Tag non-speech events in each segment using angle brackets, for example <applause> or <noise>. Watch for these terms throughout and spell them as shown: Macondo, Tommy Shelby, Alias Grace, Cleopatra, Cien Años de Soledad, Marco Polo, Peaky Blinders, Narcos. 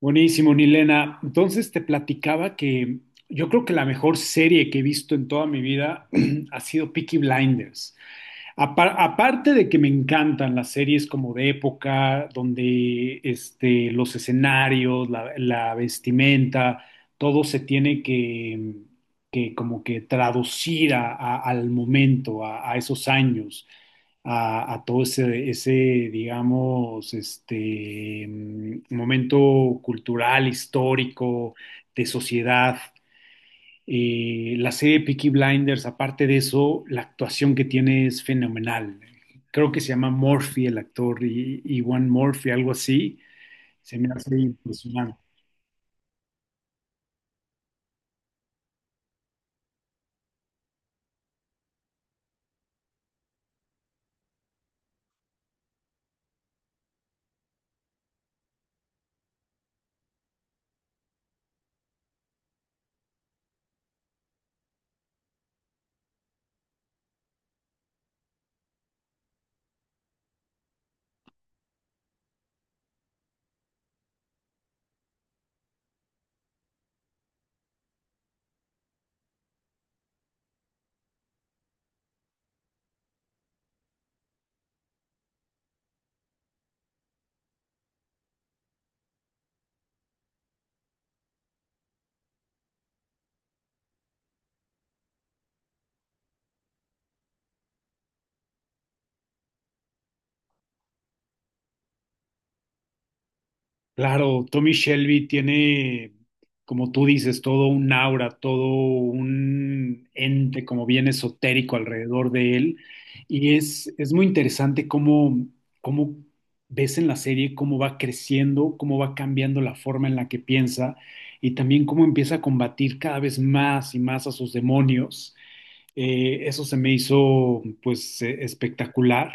Buenísimo, Nilena. Entonces te platicaba que yo creo que la mejor serie que he visto en toda mi vida <clears throat> ha sido Peaky Blinders. Aparte de que me encantan las series como de época, donde los escenarios, la vestimenta, todo se tiene que como que traducir al momento, a esos años, a todo digamos, momento cultural, histórico, de sociedad. La serie Peaky Blinders, aparte de eso, la actuación que tiene es fenomenal. Creo que se llama Murphy el actor y One Murphy, algo así. Se me hace impresionante. Claro, Tommy Shelby tiene, como tú dices, todo un aura, todo un ente como bien esotérico alrededor de él. Es muy interesante cómo ves en la serie cómo va creciendo, cómo va cambiando la forma en la que piensa y también cómo empieza a combatir cada vez más y más a sus demonios. Eso se me hizo pues espectacular.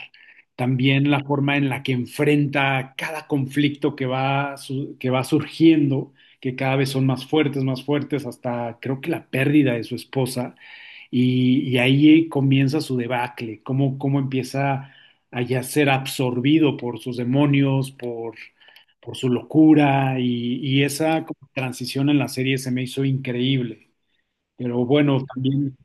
También la forma en la que enfrenta cada conflicto que que va surgiendo, que cada vez son más fuertes, hasta creo que la pérdida de su esposa. Y ahí comienza su debacle, cómo empieza a ya ser absorbido por sus demonios, por su locura. Y esa como transición en la serie se me hizo increíble. Pero bueno, también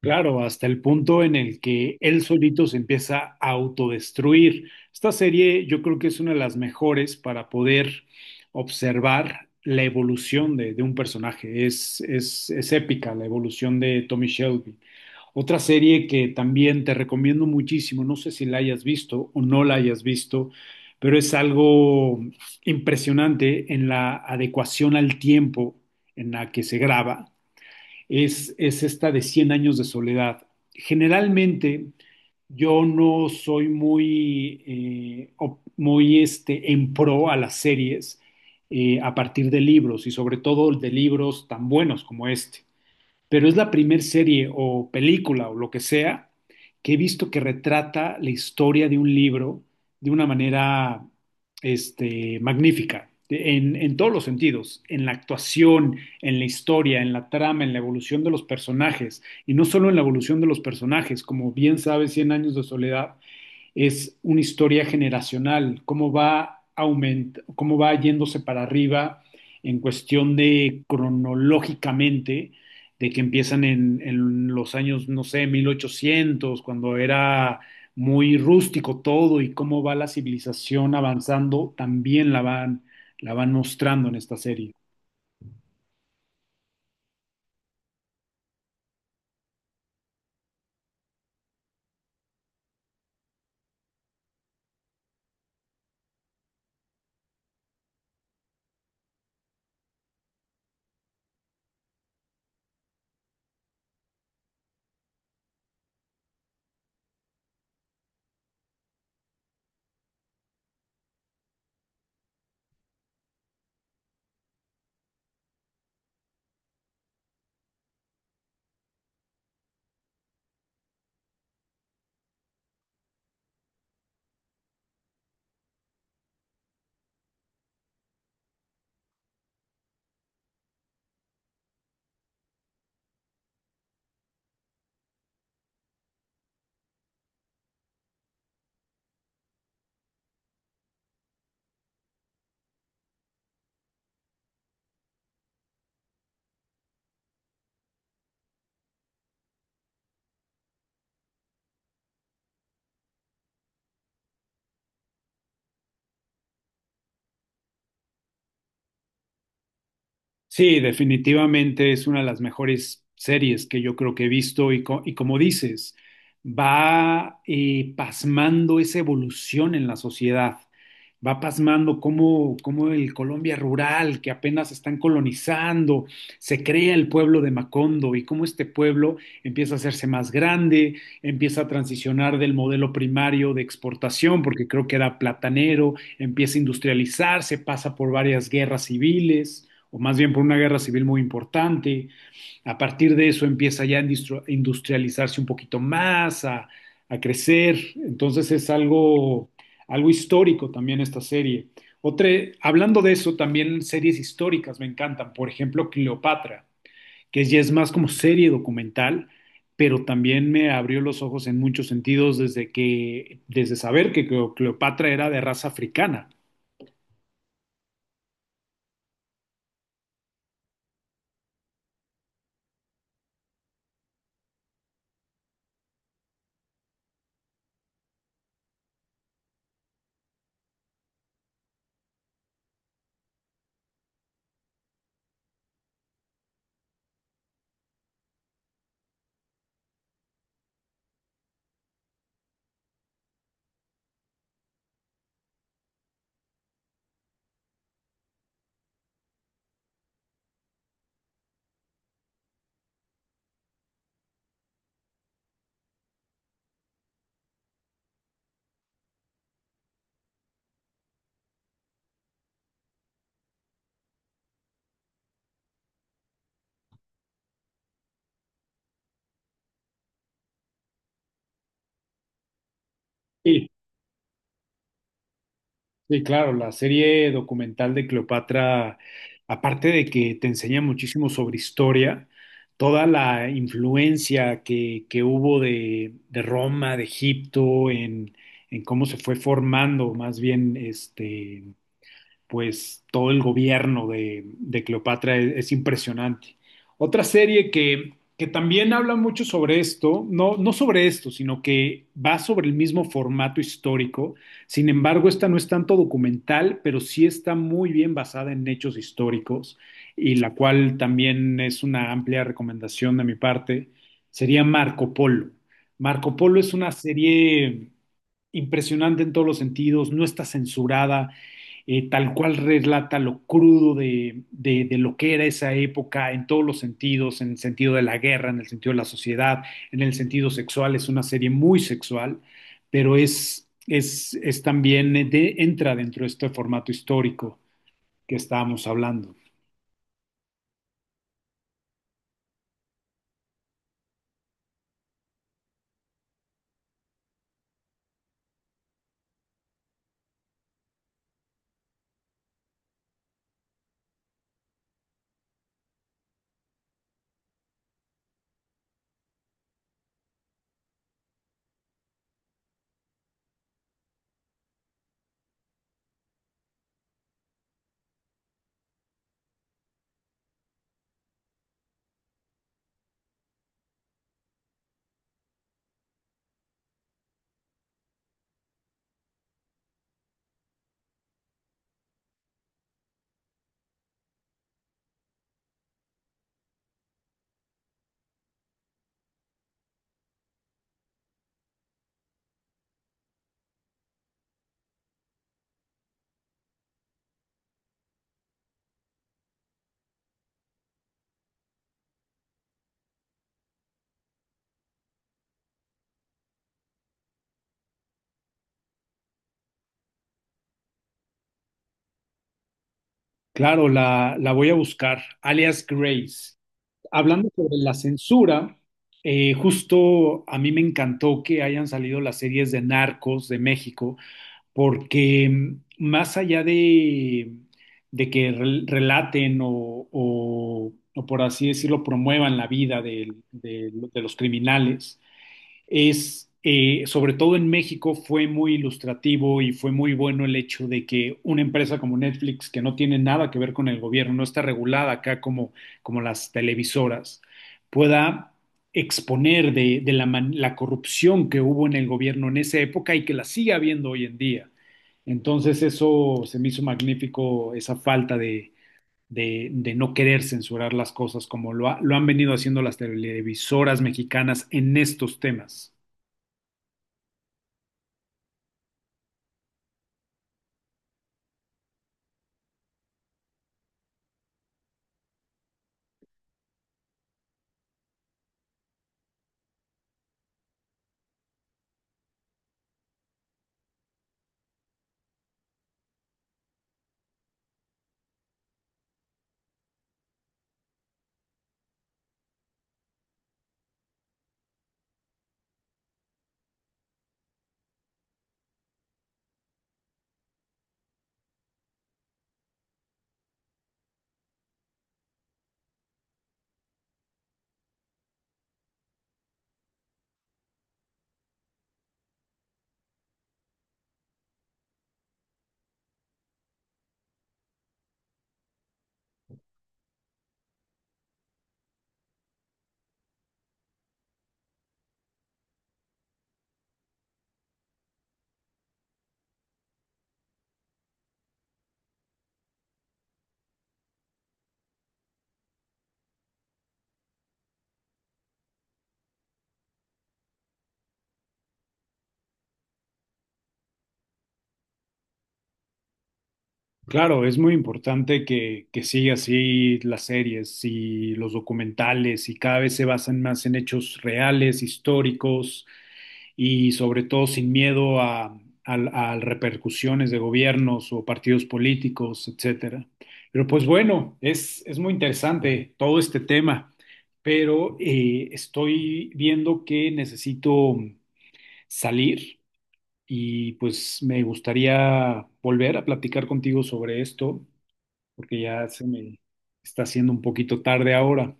claro, hasta el punto en el que él solito se empieza a autodestruir. Esta serie yo creo que es una de las mejores para poder observar la evolución de un personaje. Es épica la evolución de Tommy Shelby. Otra serie que también te recomiendo muchísimo, no sé si la hayas visto o no la hayas visto, pero es algo impresionante en la adecuación al tiempo en la que se graba es esta de Cien Años de Soledad. Generalmente yo no soy muy, muy en pro a las series a partir de libros y sobre todo de libros tan buenos como este, pero es la primer serie o película o lo que sea que he visto que retrata la historia de un libro de una manera magnífica, en todos los sentidos, en la actuación, en la historia, en la trama, en la evolución de los personajes, y no solo en la evolución de los personajes, como bien sabes, Cien Años de Soledad es una historia generacional, cómo va yéndose para arriba en cuestión de cronológicamente, de que empiezan en los años, no sé, 1800, cuando era muy rústico todo y cómo va la civilización avanzando, también la van mostrando en esta serie. Sí, definitivamente es una de las mejores series que yo creo que he visto y como dices, va pasmando esa evolución en la sociedad, va pasmando cómo el Colombia rural, que apenas están colonizando, se crea el pueblo de Macondo y cómo este pueblo empieza a hacerse más grande, empieza a transicionar del modelo primario de exportación, porque creo que era platanero, empieza a industrializarse, pasa por varias guerras civiles o más bien por una guerra civil muy importante. A partir de eso empieza ya a industrializarse un poquito más, a crecer. Entonces es algo, algo histórico también esta serie. Otra, hablando de eso, también series históricas me encantan. Por ejemplo, Cleopatra, que ya es más como serie documental, pero también me abrió los ojos en muchos sentidos desde que, desde saber que Cleopatra era de raza africana. Y sí, claro, la serie documental de Cleopatra, aparte de que te enseña muchísimo sobre historia, toda la influencia que hubo de Roma, de Egipto, en cómo se fue formando más bien este, pues todo el gobierno de Cleopatra es impresionante. Otra serie que también habla mucho sobre esto, no, no sobre esto, sino que va sobre el mismo formato histórico. Sin embargo, esta no es tanto documental, pero sí está muy bien basada en hechos históricos y la cual también es una amplia recomendación de mi parte, sería Marco Polo. Marco Polo es una serie impresionante en todos los sentidos, no está censurada, tal cual relata lo crudo de lo que era esa época en todos los sentidos, en el sentido de la guerra, en el sentido de la sociedad, en el sentido sexual, es una serie muy sexual, pero es también, entra dentro de este formato histórico que estábamos hablando. Claro, la voy a buscar, Alias Grace. Hablando sobre la censura, justo a mí me encantó que hayan salido las series de Narcos de México, porque más allá de que relaten o por así decirlo, promuevan la vida de los criminales, sobre todo en México, fue muy ilustrativo y fue muy bueno el hecho de que una empresa como Netflix, que no tiene nada que ver con el gobierno, no está regulada acá como, como las televisoras, pueda exponer de la corrupción que hubo en el gobierno en esa época y que la sigue habiendo hoy en día. Entonces eso se me hizo magnífico, esa falta de no querer censurar las cosas como lo han venido haciendo las televisoras mexicanas en estos temas. Claro, es muy importante que siga así las series y los documentales y cada vez se basan más en hechos reales, históricos y sobre todo sin miedo a repercusiones de gobiernos o partidos políticos, etcétera. Pero pues bueno, es muy interesante todo este tema, pero estoy viendo que necesito salir y pues me gustaría volver a platicar contigo sobre esto porque ya se me está haciendo un poquito tarde ahora.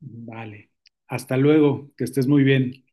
Vale. Hasta luego, que estés muy bien.